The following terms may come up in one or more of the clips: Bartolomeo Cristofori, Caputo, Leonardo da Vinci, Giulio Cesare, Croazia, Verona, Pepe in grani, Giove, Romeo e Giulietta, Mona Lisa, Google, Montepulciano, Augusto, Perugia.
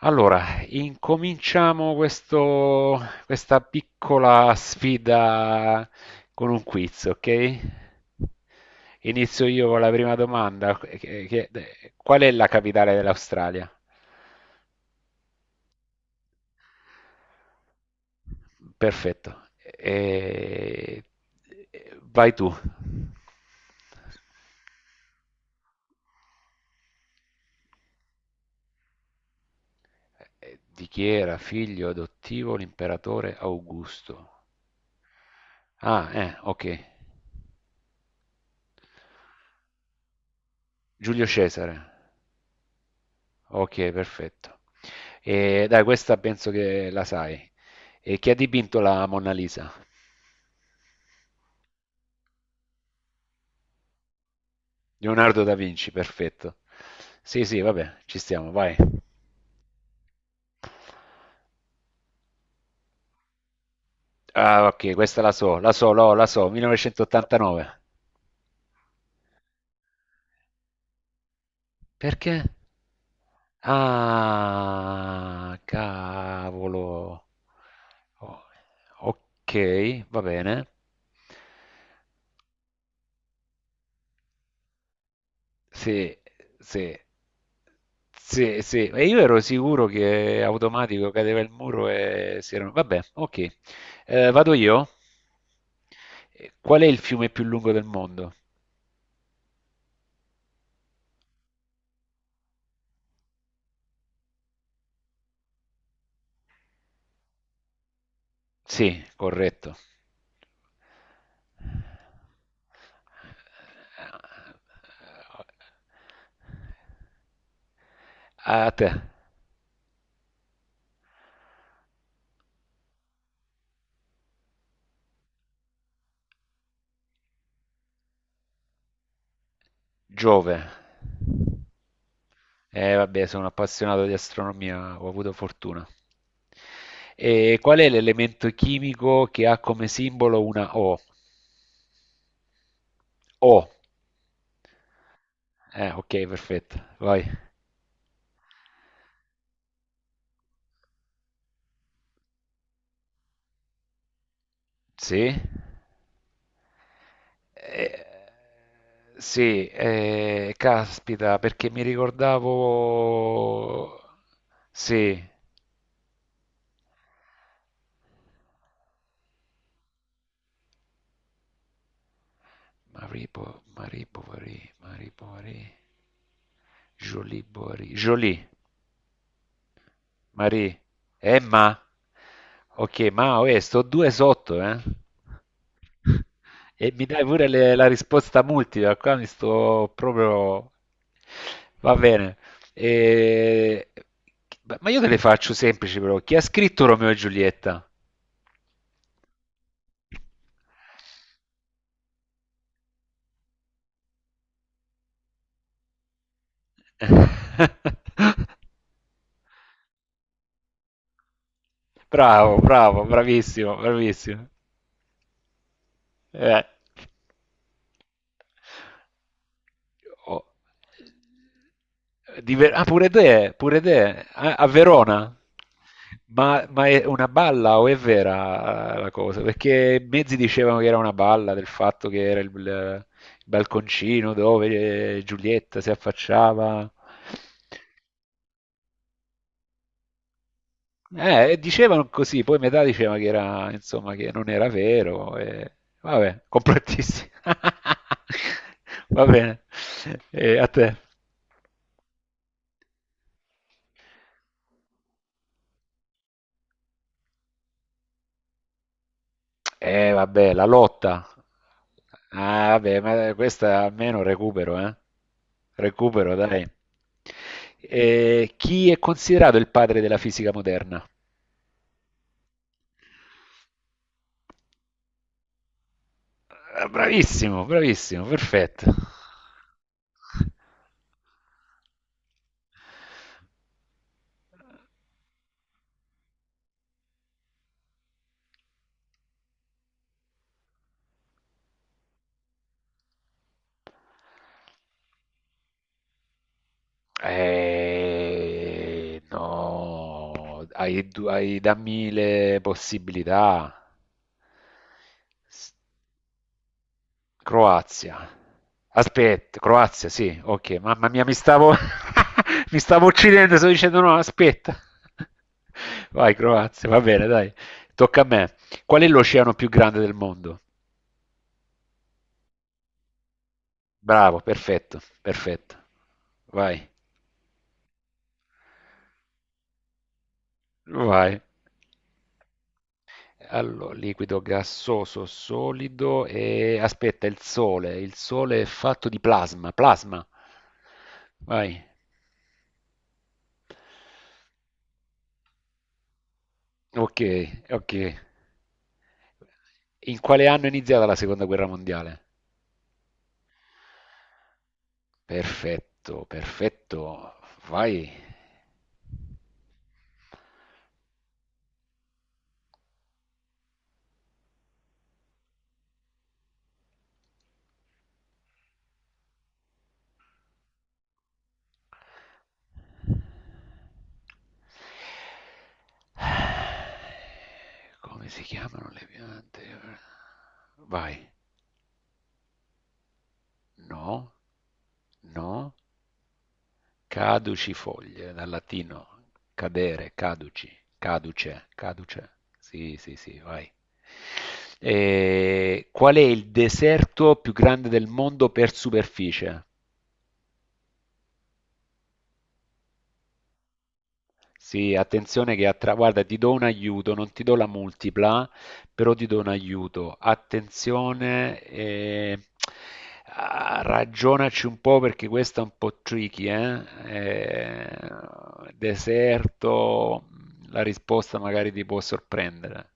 Allora, incominciamo questa piccola sfida con un quiz, ok? Inizio io con la prima domanda. Qual è la capitale dell'Australia? Perfetto. Vai tu. Di chi era figlio adottivo l'imperatore Augusto? Ah, ok. Giulio Cesare. Ok, perfetto. E dai, questa penso che la sai. E chi ha dipinto la Mona Lisa? Leonardo da Vinci, perfetto. Sì, sì, vabbè, ci stiamo, vai. Ah, ok, questa la so, la so, no, la so, 1989. Perché? Ah, cavolo. Oh, ok, va bene. Sì, sì, sì, sì. E io ero sicuro che automatico cadeva il muro e si erano. Vabbè, ok. Vado io? Qual è il fiume più lungo del mondo? Sì, corretto. A te. Giove. Vabbè, sono appassionato di astronomia, ho avuto fortuna. E qual è l'elemento chimico che ha come simbolo una O? O. Ok, perfetto. Vai. Sì. Eh, sì, caspita, perché mi ricordavo. Sì. Maripo, Maripo, Marie, Maripo, Marie. Bovary, Jolie Borie. Jolie. Marie, Emma. Ok, ma oh, sto due sotto, eh. E mi dai pure la risposta multipla, qua mi sto proprio. Va bene. E- Ma io te le faccio semplici però. Chi ha scritto Romeo e Giulietta? Bravo, bravo, bravissimo, bravissimo. Eh, oh. Ah, pure te, a Verona. Ma è una balla o è vera la cosa? Perché mezzi dicevano che era una balla del fatto che era il balconcino dove Giulietta si affacciava. Dicevano così, poi metà diceva che era, insomma, che non era vero. Vabbè, complottissimo. Va bene. E a te. Vabbè, la lotta. Ah, vabbè, ma questa almeno recupero, eh. Recupero, dai. Chi è considerato il padre della fisica moderna? Ah, bravissimo, bravissimo, perfetto. No, hai dammi le possibilità. S- Croazia. Aspetta, Croazia, sì, ok, mamma mia, mi stavo, mi stavo uccidendo, stavo dicendo no, aspetta. Vai, Croazia, va bene, dai, tocca a me. Qual è l'oceano più grande del mondo? Bravo, perfetto, perfetto. Vai, vai. Liquido, gassoso, solido e aspetta, il sole. Il sole è fatto di plasma, plasma. Vai. Ok, ok. In quale anno è iniziata la seconda guerra mondiale? Perfetto, perfetto. Vai. Come si chiamano le piante? Vai. No, no. Caduci foglie, dal latino cadere, caduci, caduce, caduce. Sì, sì, sì, vai. Qual è il deserto più grande del mondo per superficie? Sì, attenzione guarda, ti do un aiuto, non ti do la multipla, però ti do un aiuto. Attenzione, ah, ragionaci un po' perché questa è un po' tricky, eh? Deserto, la risposta magari ti può sorprendere.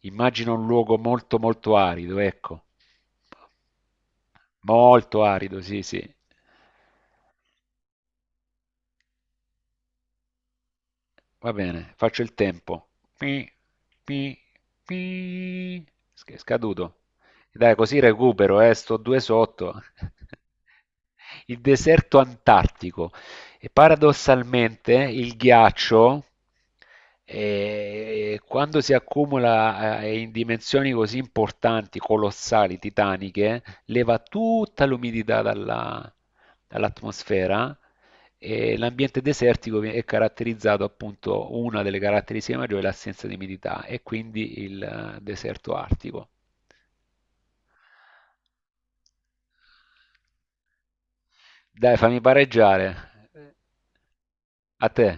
Immagino un luogo molto molto arido, ecco. Molto arido, sì, sì. Va bene, faccio il tempo. Pi, pi, pi. È scaduto. Dai, così recupero, sto due sotto. Il deserto antartico. E paradossalmente il ghiaccio, quando si accumula in dimensioni così importanti, colossali, titaniche, leva tutta l'umidità dall'atmosfera e l'ambiente desertico è caratterizzato appunto, una delle caratteristiche maggiori è l'assenza di umidità e quindi il deserto artico. Dai, fammi pareggiare. A te.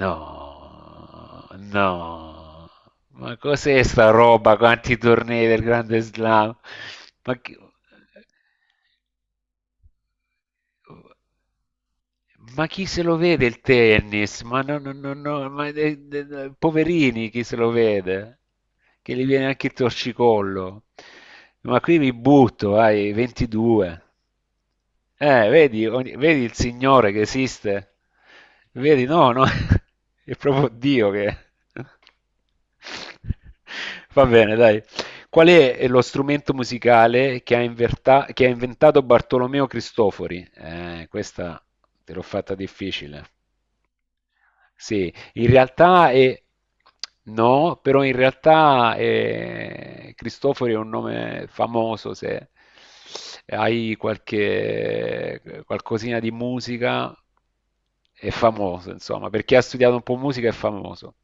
No, no. Ma cos'è sta roba? Quanti tornei del Grande Slam? Ma che. Ma chi se lo vede il tennis? Ma no, no, no, no, ma poverini chi se lo vede? Che gli viene anche il torcicollo. Ma qui mi butto, ai 22. Vedi, vedi il Signore che esiste? Vedi, no, no, è proprio Dio che. Va bene, dai. Qual è lo strumento musicale che ha inventato Bartolomeo Cristofori? Questa te l'ho fatta difficile. Sì, in realtà è. No, però in realtà Cristofori è un nome famoso, se hai qualche qualcosina di musica è famoso, insomma, perché ha studiato un po' musica è famoso.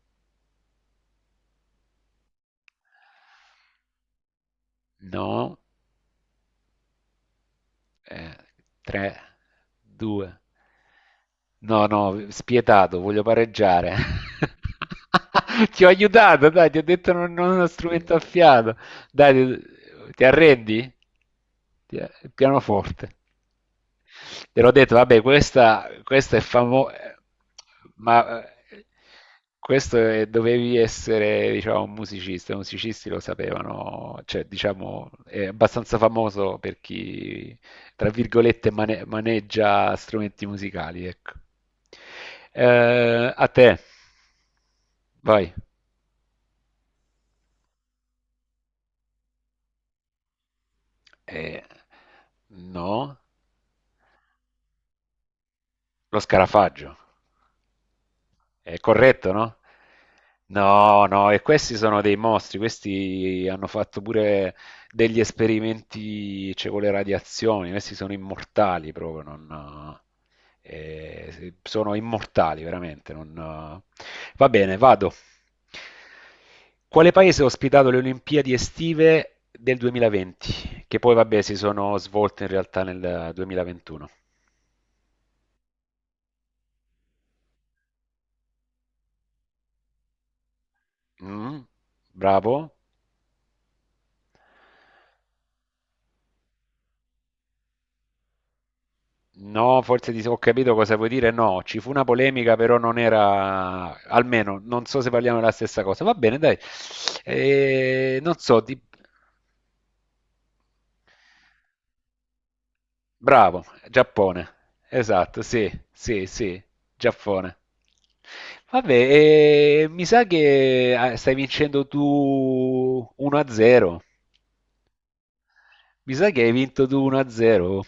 No. Eh, 3, 2. No, no, spietato, voglio pareggiare. Ti ho aiutato, dai, ti ho detto non uno strumento a fiato. Dai, ti arrendi? Ti- Pianoforte. Te l'ho detto, vabbè, questa è famosa, ma questo dovevi essere, diciamo, un musicista. I musicisti lo sapevano, cioè, diciamo, è abbastanza famoso per chi tra virgolette, maneggia strumenti musicali, ecco. A te, vai. Eh, no, lo scarafaggio. È corretto, no? No, no, e questi sono dei mostri, questi hanno fatto pure degli esperimenti, cioè, con le radiazioni, questi sono immortali proprio, non, sono immortali veramente. Va bene, vado. Quale paese ha ospitato le Olimpiadi estive del 2020? Che poi, vabbè, si sono svolte in realtà nel 2021. Mm, bravo. No, forse ho capito cosa vuoi dire. No, ci fu una polemica, però non era, almeno non so se parliamo della stessa cosa. Va bene, dai. Non so, bravo, Giappone. Esatto, sì, sì, sì, Giappone. Vabbè, mi sa che stai vincendo tu 1-0. Mi sa che hai vinto tu 1-0.